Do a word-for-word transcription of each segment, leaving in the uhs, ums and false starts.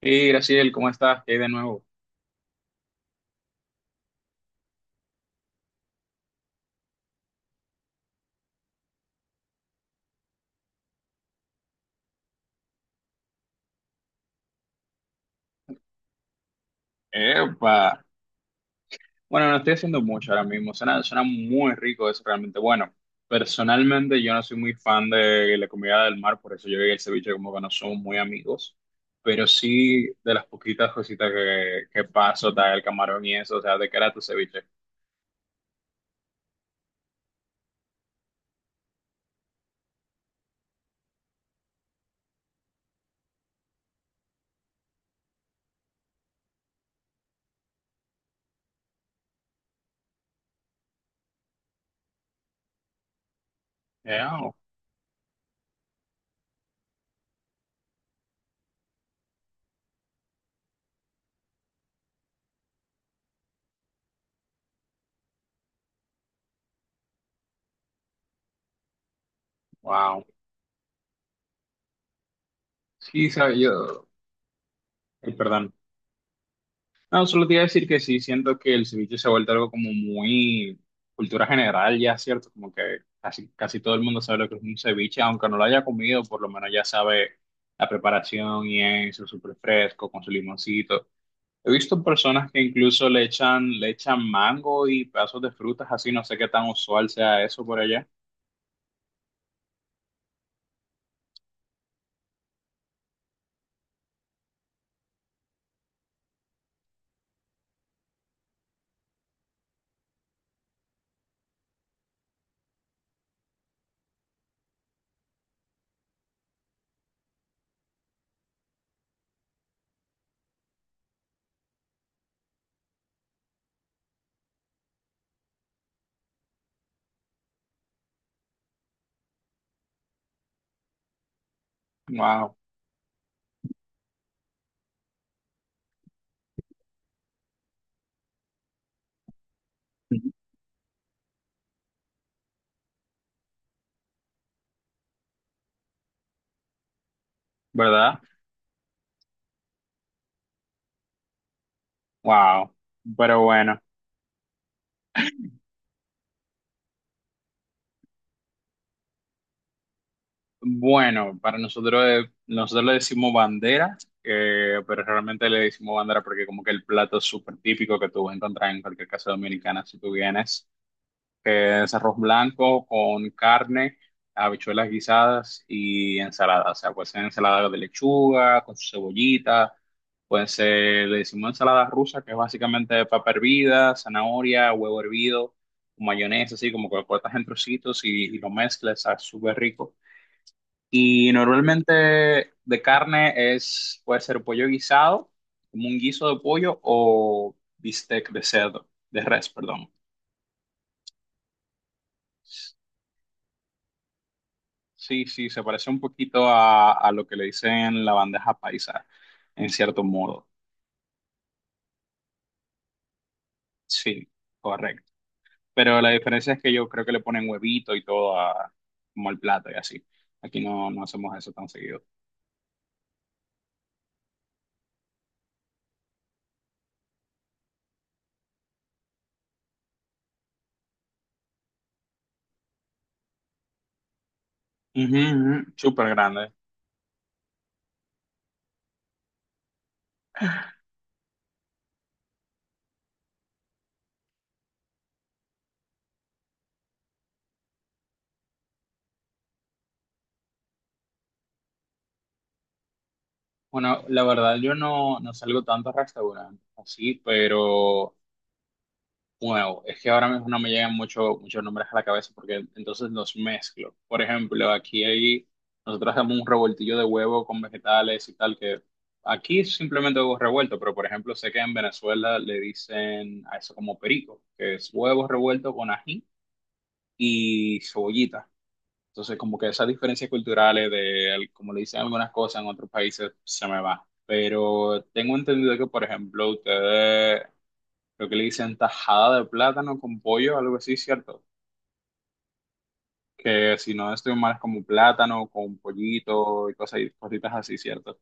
Y Graciel, ¿cómo estás? ¿Qué hay de nuevo? Epa. Bueno, no estoy haciendo mucho ahora mismo. Suena, suena muy rico, es realmente bueno. Personalmente, yo no soy muy fan de la comida del mar, por eso yo y el ceviche como que no somos muy amigos. Pero sí, de las poquitas cositas que, que paso, tal, el camarón y eso, o sea, ¿de qué era tu ceviche? Eh, oh, wow. Sí, sabía yo. Ay, perdón. No, solo te iba a decir que sí, siento que el ceviche se ha vuelto algo como muy cultura general ya, ¿cierto? Como que casi, casi todo el mundo sabe lo que es un ceviche, aunque no lo haya comido, por lo menos ya sabe la preparación y eso, súper fresco, con su limoncito. He visto personas que incluso le echan, le echan mango y pedazos de frutas, así no sé qué tan usual sea eso por allá. Wow, ¿verdad? Wow, pero bueno. Bueno, para nosotros, eh, nosotros le decimos bandera, eh, pero realmente le decimos bandera porque como que el plato es súper típico que tú vas a encontrar en cualquier casa dominicana si tú vienes, que es arroz blanco con carne, habichuelas guisadas y ensalada. O sea, puede ser ensalada de lechuga, con su cebollita, puede ser, le decimos ensalada rusa, que es básicamente papa hervida, zanahoria, huevo hervido, mayonesa, así como que lo cortas en trocitos y, y lo mezclas, está súper rico. Y normalmente de carne es, puede ser pollo guisado, como un guiso de pollo o bistec de cerdo, de res, perdón. Sí, sí, se parece un poquito a, a lo que le dicen la bandeja paisa, en cierto modo. Sí, correcto. Pero la diferencia es que yo creo que le ponen huevito y todo a- como al plato y así. Aquí no, no hacemos eso tan seguido. Ujú, ujú. Súper grande. Bueno, la verdad yo no, no salgo tanto a restaurantes así, pero wow, es que ahora mismo no me llegan mucho, muchos nombres a la cabeza porque entonces los mezclo. Por ejemplo, aquí hay, nosotros hacemos un revoltillo de huevo con vegetales y tal, que aquí es simplemente huevo revuelto, pero por ejemplo sé que en Venezuela le dicen a eso como perico, que es huevo revuelto con ají y cebollita. Entonces como que esas diferencias culturales de al- como le dicen algunas cosas en otros países se me va. Pero tengo entendido que por ejemplo ustedes creo que le dicen tajada de plátano con pollo, algo así, ¿cierto? Que si no estoy mal es como plátano con pollito y cosas, y cositas así, ¿cierto?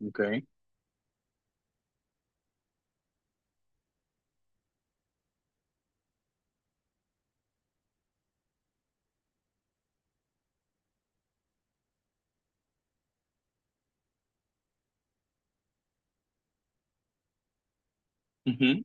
Ok. Ujú.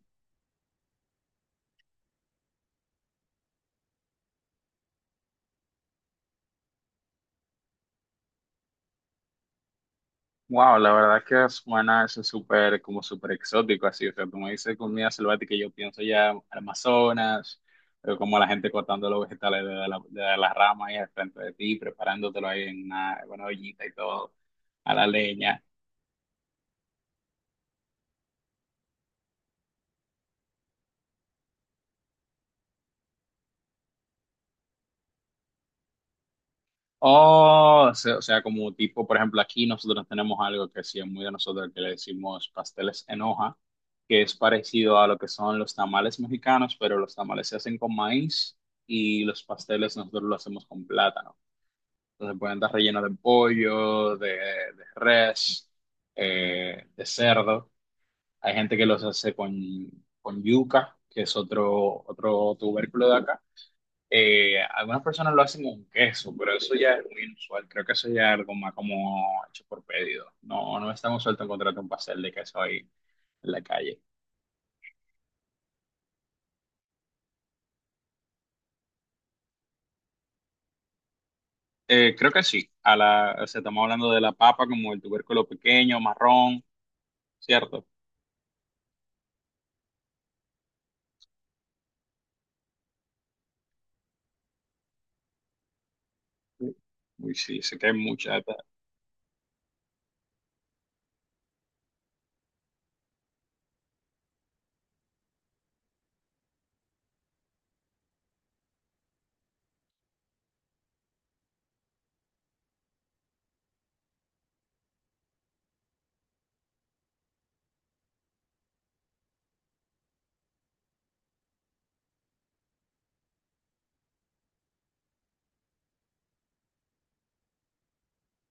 Wow, la verdad que suena eso súper, como súper exótico, así, o sea, como dice comida selvática, yo pienso ya al Amazonas, pero como la gente cortando los vegetales de la, de las ramas ahí al frente de ti, preparándotelo ahí en una, en una ollita y todo, a la leña. Oh, se- o sea, como tipo, por ejemplo, aquí nosotros tenemos algo que sí es muy de nosotros, que le decimos pasteles en hoja, que es parecido a lo que son los tamales mexicanos, pero los tamales se hacen con maíz y los pasteles nosotros lo hacemos con plátano. Entonces pueden estar rellenos de pollo, de, de res, eh, de cerdo. Hay gente que los hace con, con yuca, que es otro, otro tubérculo de acá, eh, algunas personas lo hacen con queso, pero eso ya es muy inusual. Creo que eso ya es algo más como hecho por pedido. No, no es tan usual encontrarte un pastel de queso ahí en la calle. Eh, creo que sí. A la, o sea, estamos hablando de la papa como el tubérculo pequeño, marrón, ¿cierto? Sí. Uy, sí, sé que hay mucha.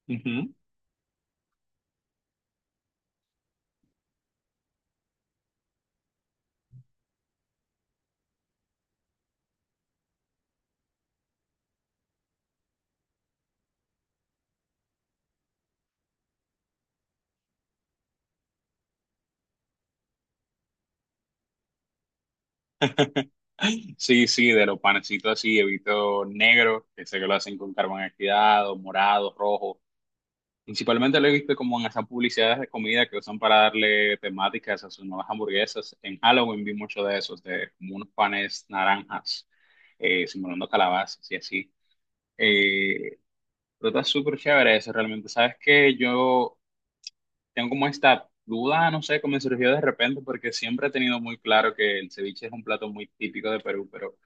Ujú. Sí, sí, de los panecitos así, evito negro, que sé que lo hacen con carbón activado, morado, rojo. Principalmente lo he visto como en esas publicidades de comida que usan para darle temáticas a sus nuevas hamburguesas. En Halloween vi mucho de esos, de como unos panes naranjas, eh, simulando calabazas y así. Eh, pero está súper chévere eso, realmente. ¿Sabes qué? Yo tengo como esta duda, no sé, cómo me surgió de repente, porque siempre he tenido muy claro que el ceviche es un plato muy típico de Perú, pero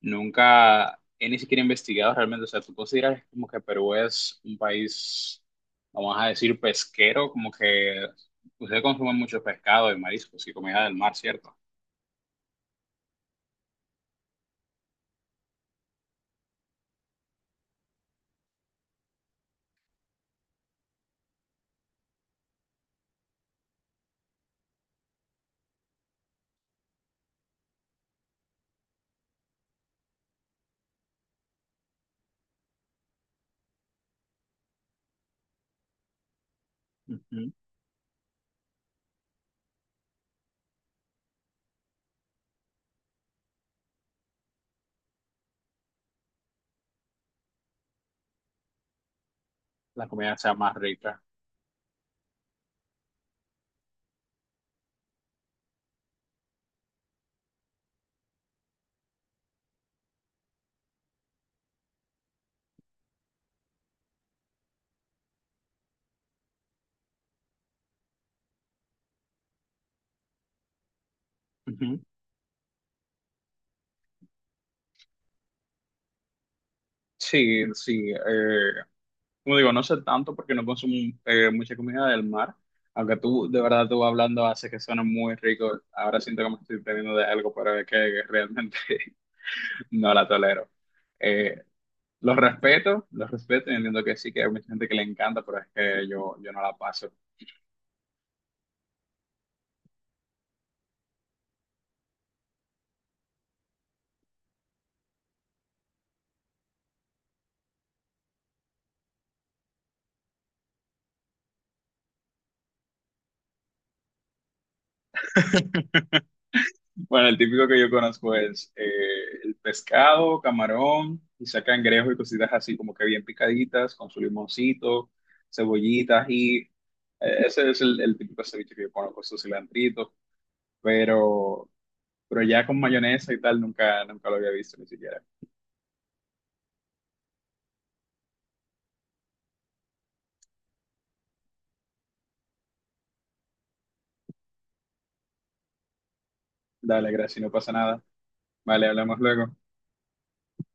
nunca he ni siquiera investigado realmente. O sea, tú consideras como que Perú es un país, vamos a decir, pesquero, como que ustedes consumen mucho pescado y mariscos y comida del mar, ¿cierto? Ujú. La comida sea más rica. Ujú. Sí, sí. eh, Como digo, no sé tanto porque no consumo eh, mucha comida del mar, aunque tú, de verdad, tú hablando hace que suena muy rico. Ahora siento que me estoy perdiendo de algo, pero es que realmente no la tolero. Eh, los respeto, los respeto y entiendo que sí, que hay mucha gente que le encanta, pero es que yo, yo no la paso. Bueno, el típico que yo conozco es eh, el pescado, camarón, quizá cangrejo y cositas así como que bien picaditas, con su limoncito, cebollitas y ese es el, el típico ceviche que yo conozco, su cilantrito, pero, pero ya con mayonesa y tal nunca, nunca lo había visto ni siquiera. Dale, gracias, no pasa nada. Vale, hablamos luego.